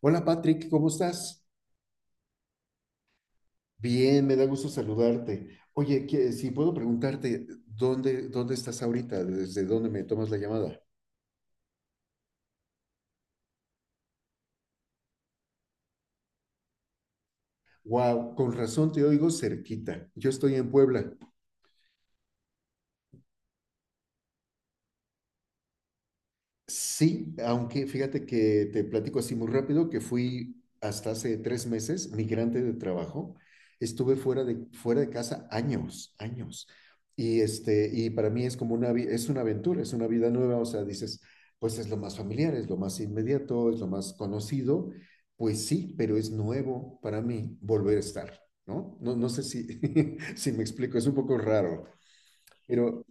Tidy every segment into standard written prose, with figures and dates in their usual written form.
Hola Patrick, ¿cómo estás? Bien, me da gusto saludarte. Oye, si puedo preguntarte, ¿dónde estás ahorita? ¿Desde dónde me tomas la llamada? Wow, con razón te oigo cerquita. Yo estoy en Puebla. Sí, aunque fíjate que te platico así muy rápido que fui hasta hace 3 meses migrante de trabajo. Estuve fuera de casa años, años. Y, y para mí es como una, es una aventura, es una vida nueva. O sea, dices, pues es lo más familiar, es lo más inmediato, es lo más conocido. Pues sí, pero es nuevo para mí volver a estar, ¿no? No, no sé si, si me explico, es un poco raro, pero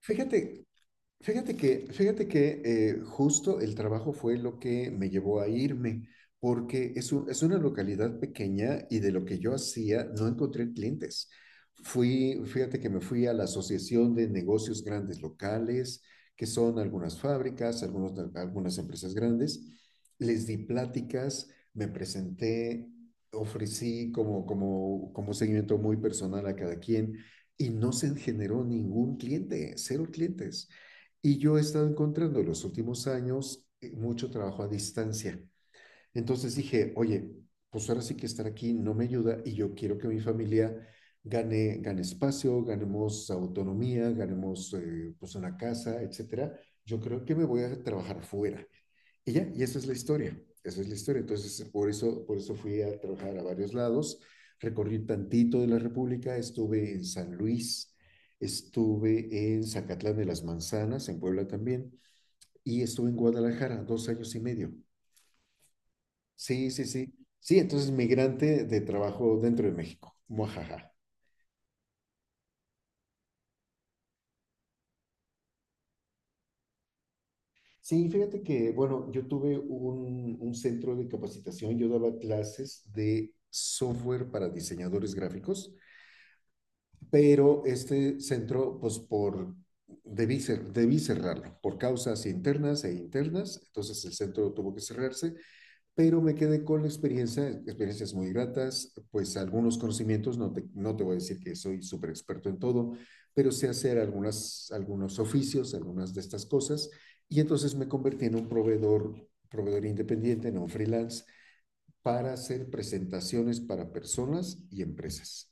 fíjate. Fíjate que justo el trabajo fue lo que me llevó a irme, porque es una localidad pequeña y de lo que yo hacía no encontré clientes. Fíjate que me fui a la Asociación de Negocios Grandes Locales, que son algunas fábricas, algunas empresas grandes. Les di pláticas, me presenté, ofrecí como un seguimiento muy personal a cada quien y no se generó ningún cliente, cero clientes. Y yo he estado encontrando en los últimos años mucho trabajo a distancia. Entonces dije, oye, pues ahora sí que estar aquí no me ayuda y yo quiero que mi familia gane espacio, ganemos autonomía, ganemos pues una casa, etcétera. Yo creo que me voy a trabajar fuera. Y ya, y esa es la historia, esa es la historia. Entonces, por eso fui a trabajar a varios lados, recorrí tantito de la República, estuve en San Luis, estuve en Zacatlán de las Manzanas, en Puebla también, y estuve en Guadalajara 2 años y medio. Sí, sí, sí. Sí, entonces migrante de trabajo dentro de México. Muajaja. Sí, fíjate que, bueno, yo tuve un centro de capacitación, yo daba clases de software para diseñadores gráficos, pero este centro, pues por, debí cerrarlo por causas internas e internas. Entonces el centro tuvo que cerrarse, pero me quedé con la experiencia, experiencias muy gratas, pues algunos conocimientos. No te voy a decir que soy súper experto en todo, pero sé hacer algunos oficios, algunas de estas cosas, y entonces me convertí en un proveedor independiente, no freelance, para hacer presentaciones para personas y empresas.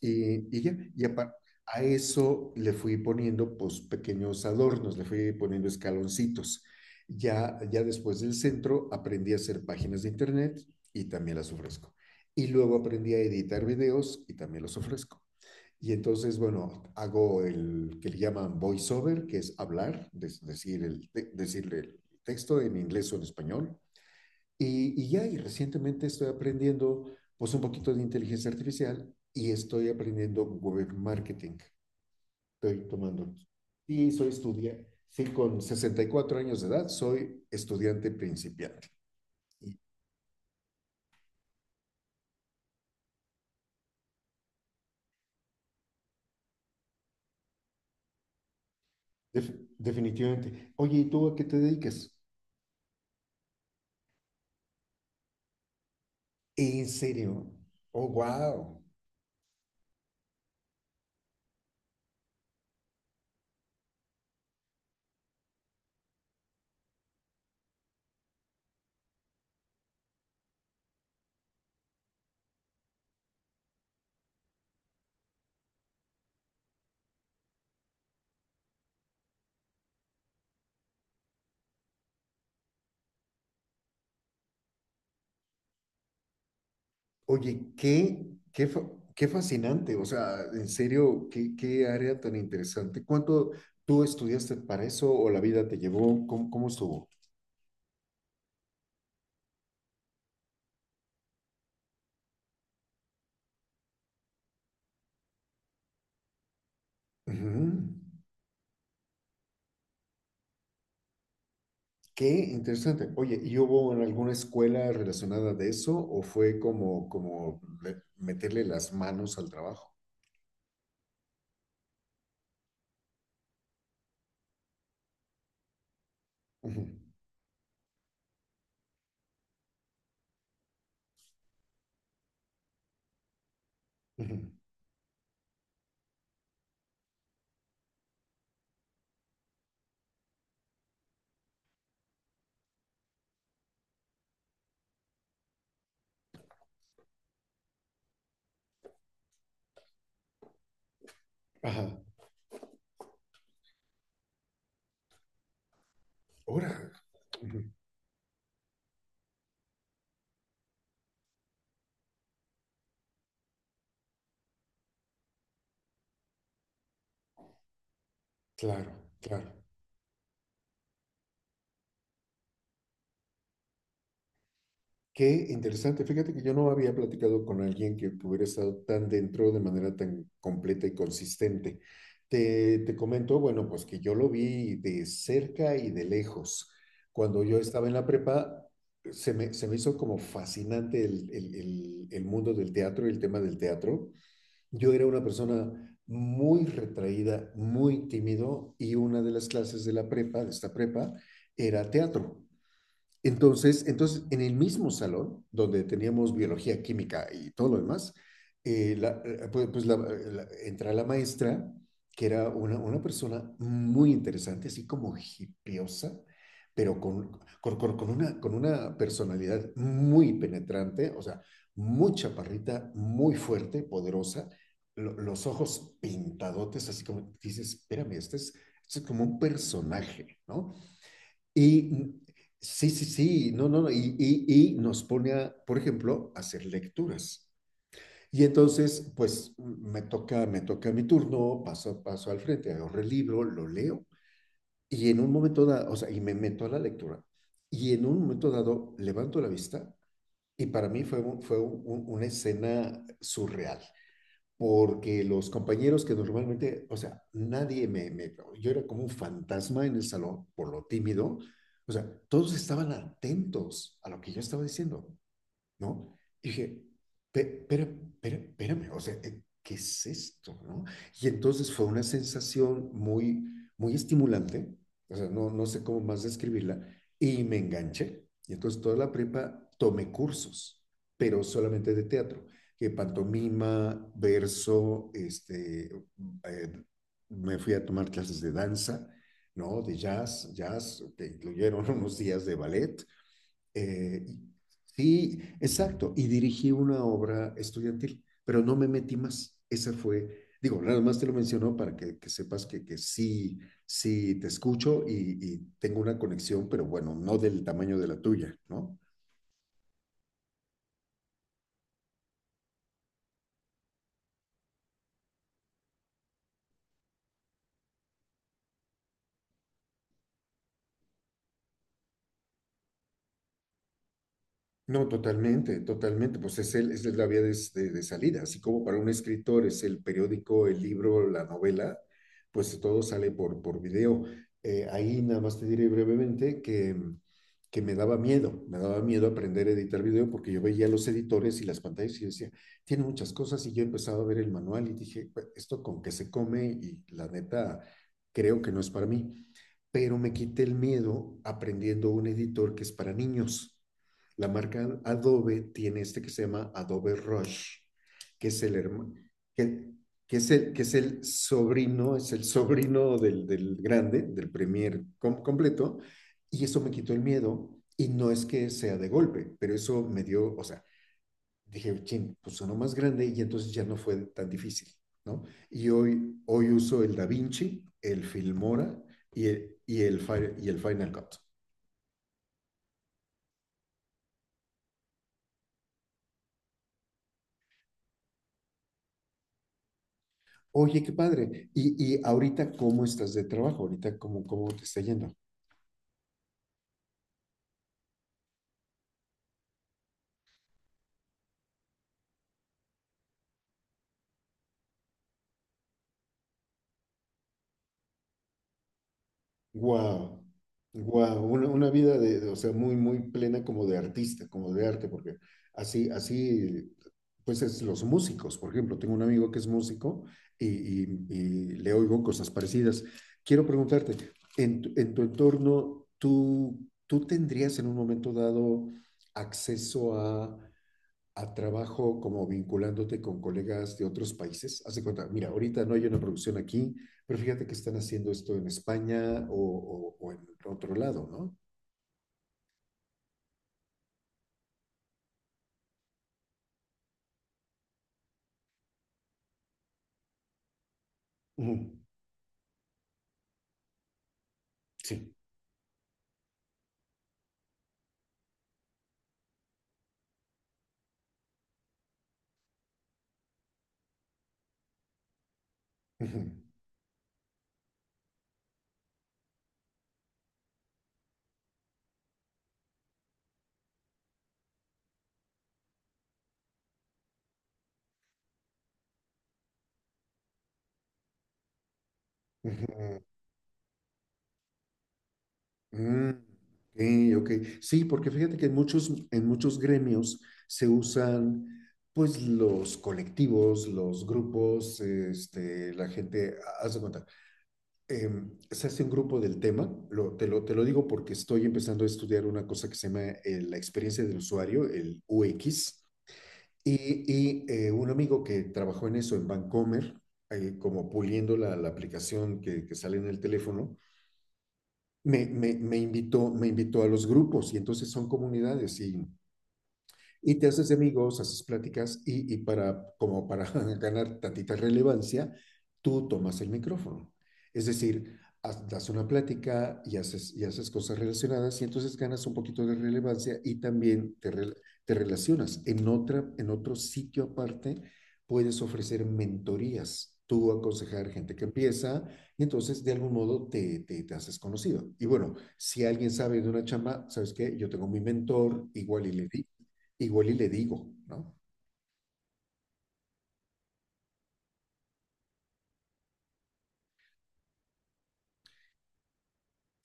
Y ya, y a eso le fui poniendo pues pequeños adornos, le fui poniendo escaloncitos. Ya después del centro aprendí a hacer páginas de internet y también las ofrezco. Y luego aprendí a editar videos y también los ofrezco. Y entonces, bueno, hago el que le llaman voiceover, que es hablar, decir el texto en inglés o en español. Y ya, y recientemente estoy aprendiendo pues un poquito de inteligencia artificial y estoy aprendiendo web marketing. Estoy tomando. Y soy estudiante. Sí, con 64 años de edad soy estudiante principiante. Y Definitivamente. Oye, ¿y tú a qué te dedicas? ¿En serio? Oh, wow. Oye, qué fascinante. O sea, en serio, qué área tan interesante. ¿Cuánto tú estudiaste para eso o la vida te llevó? ¿Cómo estuvo? Ujú. Qué interesante. Oye, ¿y hubo en alguna escuela relacionada de eso o fue meterle las manos al trabajo? Ujú, ujú. Ajá. Ahora. Ujú. Claro, claro. Qué interesante. Fíjate que yo no había platicado con alguien que hubiera estado tan dentro de manera tan completa y consistente. Te comento, bueno, pues que yo lo vi de cerca y de lejos. Cuando yo estaba en la prepa, se me hizo como fascinante el mundo del teatro y el tema del teatro. Yo era una persona muy retraída, muy tímido, y una de las clases de la prepa, de esta prepa, era teatro. Entonces, en el mismo salón donde teníamos biología, química y todo lo demás, entra la maestra, que era una persona muy interesante, así como hipiosa, pero con una personalidad muy penetrante. O sea, muy chaparrita, muy fuerte, poderosa, los ojos pintadotes, así como dices, espérame, este es como un personaje, ¿no? Y sí, sí, sí, no, no, no, y nos pone a, por ejemplo, a hacer lecturas. Y entonces, pues me toca mi turno, paso al frente, agarro el libro, lo leo. Y en un momento dado, o sea, y me meto a la lectura. Y en un momento dado, levanto la vista y para mí fue, una escena surreal, porque los compañeros que normalmente, o sea, nadie yo era como un fantasma en el salón por lo tímido. O sea, todos estaban atentos a lo que yo estaba diciendo, ¿no? Y dije, pero, pero, espérame, o sea, ¿qué es esto, no? Y entonces fue una sensación muy, muy estimulante, o sea, no sé cómo más describirla, y me enganché. Y entonces toda la prepa tomé cursos, pero solamente de teatro, que pantomima, verso, eh, me fui a tomar clases de danza, ¿no? De jazz, jazz, que incluyeron unos días de ballet, eh, sí, exacto. Y dirigí una obra estudiantil, pero no me metí más. Esa fue, digo, nada más te lo menciono para que sepas que sí, sí te escucho y tengo una conexión, pero bueno, no del tamaño de la tuya, ¿no? No, totalmente, totalmente. Pues es la vía de, de salida. Así como para un escritor es el periódico, el libro, la novela, pues todo sale por video. Ahí nada más te diré brevemente que me daba miedo aprender a editar video porque yo veía los editores y las pantallas y decía, tiene muchas cosas y yo empezaba a ver el manual y dije, "Pues, esto con qué se come y la neta creo que no es para mí". Pero me quité el miedo aprendiendo un editor que es para niños. La marca Adobe tiene este que se llama Adobe Rush, que es el hermano, que, que es el sobrino del grande, del Premiere completo, y eso me quitó el miedo. Y no es que sea de golpe, pero eso me dio, o sea, dije, chin, pues sonó más grande y entonces ya no fue tan difícil, ¿no? Y hoy, hoy uso el DaVinci, el Filmora y el, y el, y el Final Cut. Oye, qué padre. Y ahorita, ¿cómo estás de trabajo? Ahorita, ¿cómo te está yendo? Wow, wow, una vida de, o sea, muy, muy plena, como de artista, como de arte, porque así, así, pues es los músicos, por ejemplo, tengo un amigo que es músico y le oigo cosas parecidas. Quiero preguntarte, en tu entorno, ¿tú, tendrías en un momento dado acceso a trabajo como vinculándote con colegas de otros países? Haz de cuenta, mira, ahorita no hay una producción aquí, pero fíjate que están haciendo esto en España o en otro lado, ¿no? Ujú. Sí. Ujú, ujú. Mm, ok, ok. Sí, porque fíjate que en muchos gremios se usan pues los colectivos, los grupos, la gente, haz de cuenta, se hace un grupo del tema, te lo digo porque estoy empezando a estudiar una cosa que se llama la experiencia del usuario, el UX, y, un amigo que trabajó en eso en Vancomer, como puliendo la aplicación que sale en el teléfono, me invitó a los grupos, y entonces son comunidades y te haces amigos, haces pláticas y como para ganar tantita relevancia, tú tomas el micrófono. Es decir, das una plática y haces cosas relacionadas, y entonces ganas un poquito de relevancia y también te relacionas. En otro sitio aparte puedes ofrecer mentorías, tú aconsejar gente que empieza, y entonces de algún modo te haces conocido. Y bueno, si alguien sabe de una chamba, ¿sabes qué? Yo tengo mi mentor, igual y le di. Igual y le digo, ¿no?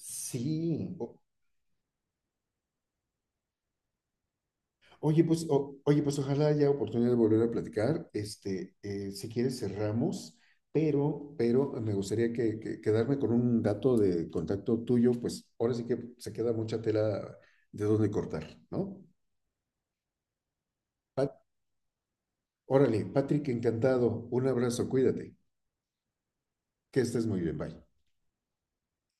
Sí. Oye, pues ojalá haya oportunidad de volver a platicar. Si quieres cerramos, pero, me gustaría quedarme con un dato de contacto tuyo, pues ahora sí que se queda mucha tela de dónde cortar, ¿no? Pat- órale, Patrick, encantado. Un abrazo, cuídate. Que estés muy bien, bye.